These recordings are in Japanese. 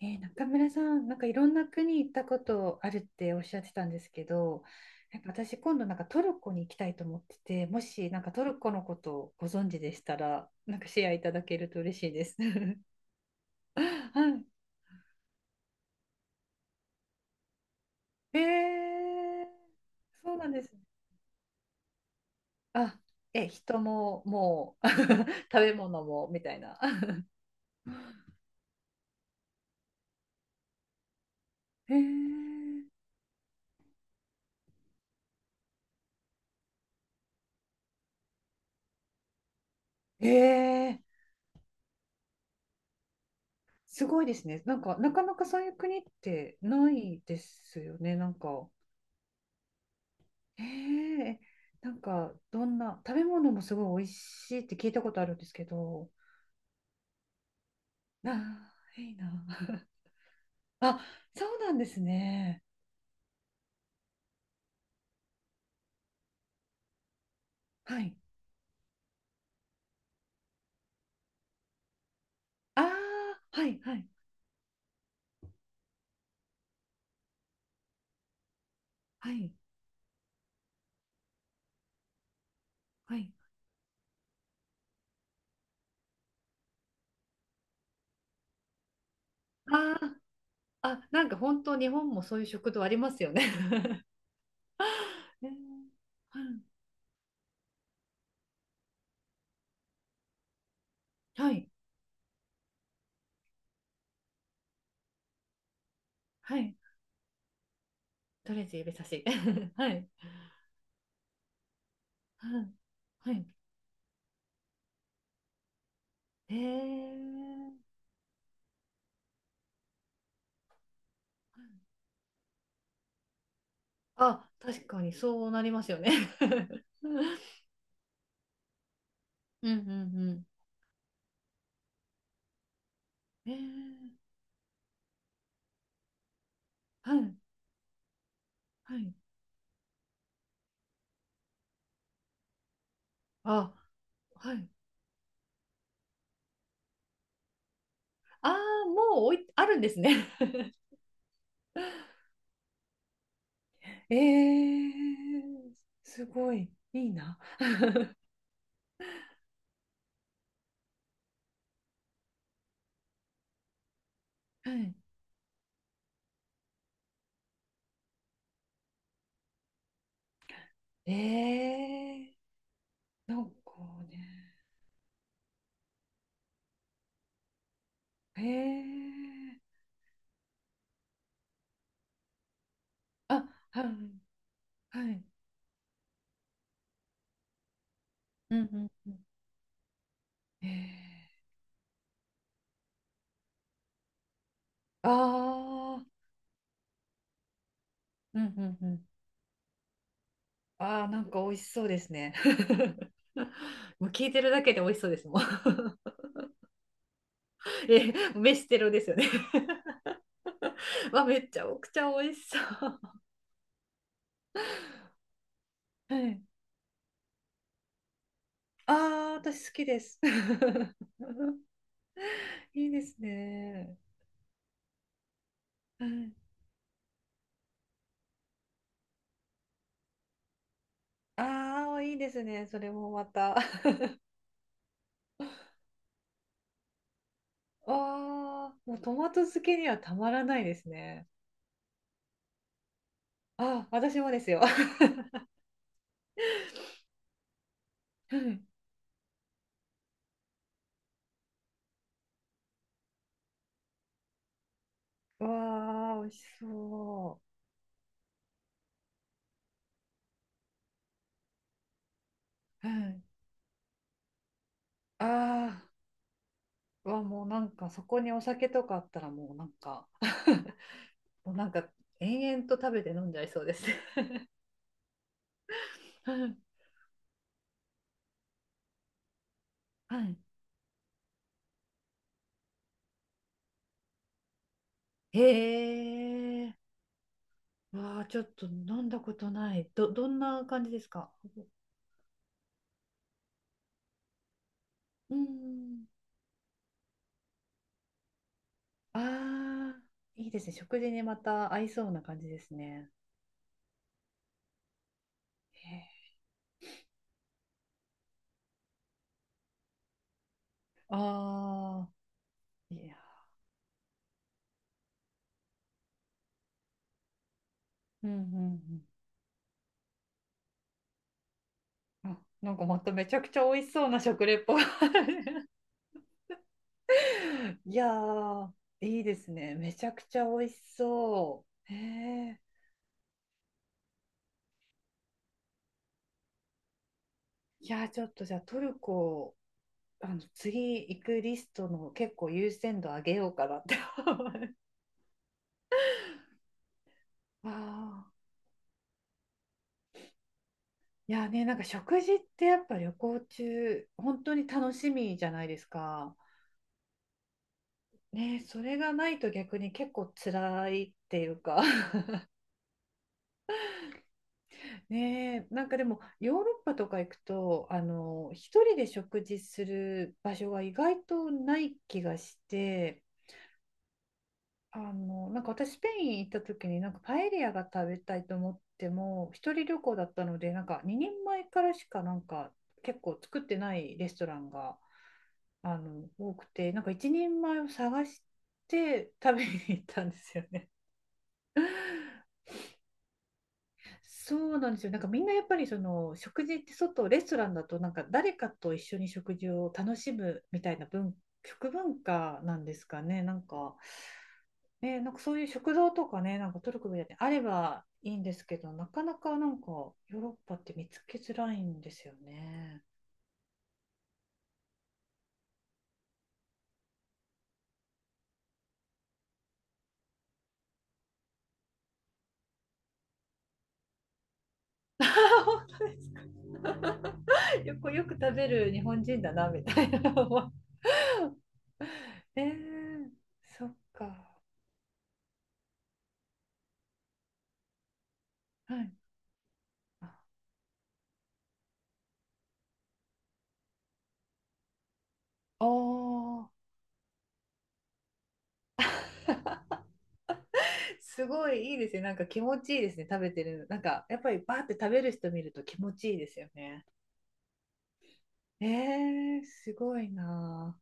中村さん、なんかいろんな国行ったことあるっておっしゃってたんですけど、なんか私今度なんかトルコに行きたいと思ってて、もしなんかトルコのことをご存知でしたら、なんかシェアいただけると嬉しいです。はい。そうなんですね。あ、人ももう 食べ物もみたいな。えー、えー、すごいですね。なんかなかなかそういう国ってないですよね。なんか。ええなんかどんな食べ物もすごい美味しいって聞いたことあるんですけど、あー、いいな。あ、そうなんですね。はい。ああ、はいはい。あーなんか本当日本もそういう食堂ありますよね。えーはいはいはい。トレジ指差し。はいはいはい。へえ。あ、確かにそうなりますよね。うんうんうん。はい、はい。あ、はい。ああ、もうおい、あるんですね。えー、すごい、いいな。はい。えー、なんかね、えー、あ、はい、はい、うんうんうん。えあー、うんうんうん。あー、なんか美味しそうですね。もう聞いてるだけで美味しそうですもん。え、飯テロですよね。わ、めっちゃおくちゃ美味しそう。はい。ああ、私好きです いいですね。はい。ああ、いいですね。それもまた わあ、もうトマト漬けにはたまらないですね。あ、私もですよ ういわあ、美味しそう。はい。ああ、わ、もうなんかそこにお酒とかあったらもうなんか もうなんか延々と食べて飲んじゃいそうですね。はい。へえ。わあ、ちょっと飲んだことない。ど、どんな感じですか？うん。ああ、いいですね。食事にまた合いそうな感じですね。へえ。ああ、いやー、うんうんうん。あ、なんかまためちゃくちゃ美味しそうな食レポ。いやー、いいですね。めちゃくちゃ美味しそう。へえ。いやー、ちょっとじゃあトルコ、あの、次行くリストの結構優先度上げようかなって思う。ああ、いやね、なんか食事ってやっぱ旅行中、本当に楽しみじゃないですか。ね、それがないと逆に結構辛いっていうか ね、なんかでもヨーロッパとか行くと、あの、一人で食事する場所が意外とない気がして、あの、なんか私スペイン行った時になんかパエリアが食べたいと思っても、一人旅行だったので、なんか2人前からしかなんか結構作ってないレストランが。あの多くてなんか一人前を探して食べに行ったんですよね。そうなんですよ。なんかみんなやっぱりその食事って外レストランだと、なんか誰かと一緒に食事を楽しむみたいな食文化なんですかね、なんか。ね、なんかそういう食堂とかね、なんかトルコみたいにあればいいんですけど、なかなかなんかヨーロッパって見つけづらいんですよね。本当ですか？ よくよく食べる日本人だなみたいな えー、そっか。はい。ああ、ー、すごいいいですね。なんか気持ちいいですね。食べてるの。なんか、やっぱりバーって食べる人見ると気持ちいいですよね。えー、すごいな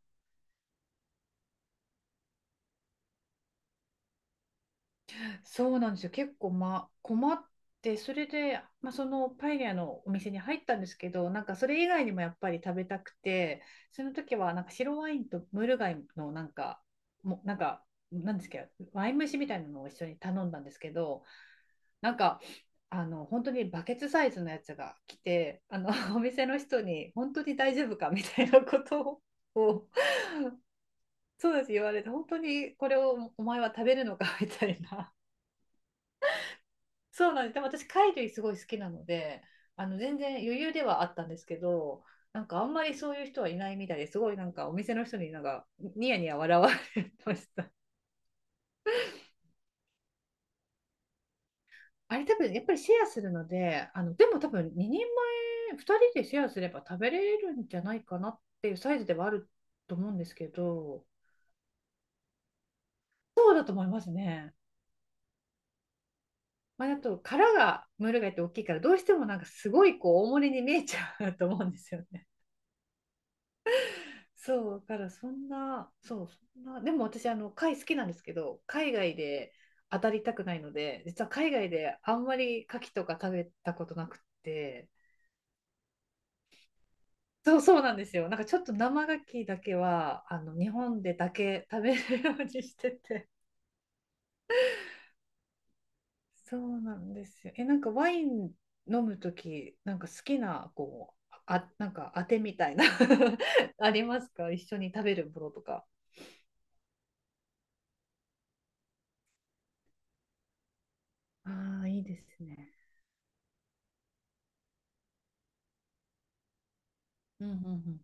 あ。そうなんですよ。結構、まあ、困って、それで、まあ、そのパエリアのお店に入ったんですけど、なんかそれ以外にもやっぱり食べたくて、その時はなんか白ワインとムール貝のなんか、もうなんか、なんですけど、ワイン蒸しみたいなのを一緒に頼んだんですけど、なんかあの本当にバケツサイズのやつが来て、あの お店の人に本当に大丈夫かみたいなことを そうです言われて、本当にこれをお前は食べるのか みたいな。そうなんです。でも私貝類すごい好きなので、あの全然余裕ではあったんですけど、なんかあんまりそういう人はいないみたいで、すごいなんかお店の人になんかニヤニヤ笑われました。あれ多分やっぱりシェアするので、あの、でも多分2人前、2人でシェアすれば食べれるんじゃないかなっていうサイズではあると思うんですけど、そうだと思いますね。まあ、あと殻がムール貝って大きいから、どうしてもなんかすごいこう大盛りに見えちゃう と思うんですよね。そうだから、そんなでも私あの貝好きなんですけど、海外で当たりたくないので、実は海外であんまり牡蠣とか食べたことなくって。そうそうなんですよ。なんかちょっと生牡蠣だけは、あの、日本でだけ食べるようにしてて。そうなんですよ。え、なんかワイン飲むとき、なんか好きな、こう、あ、なんか当てみたいな ありますか？一緒に食べるものとか。ああ、いいですね。うんうんうん。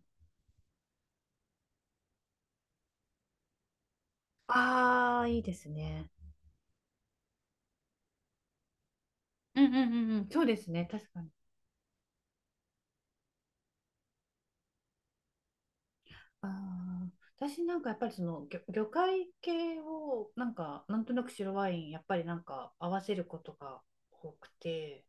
ああ、いいですね。うんうんうんうん。そうですね。確かに。ああ、私なんかやっぱりその魚、魚介系をなんかなんとなく白ワインやっぱりなんか合わせることが多くて、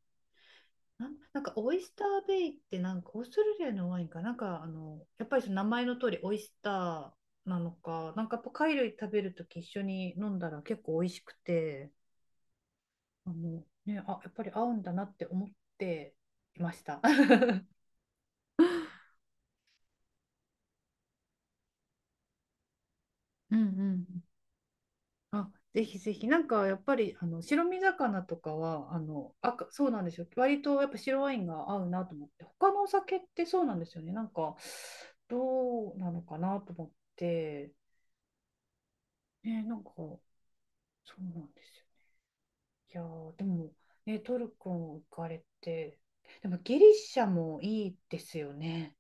なん、なんかオイスターベイってなんかオーストラリアのワインかなんか、あのやっぱりその名前の通りオイスターなのか、なんかやっぱ貝類食べるとき一緒に飲んだら結構美味しくて、あの、ね、あやっぱり合うんだなって思っていました。うんうん。あ、ぜひぜひ、なんかやっぱりあの白身魚とかはあの赤、そうなんですよ、割とやっぱ白ワインが合うなと思って、他のお酒ってそうなんですよね、なんかどうなのかなと思って、ね、なんかそうなんですよね。いやー、でも、ね、トルコ行かれて、でもギリシャもいいですよね。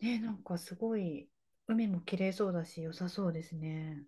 ね、なんかすごい、海も綺麗そうだし、良さそうですね。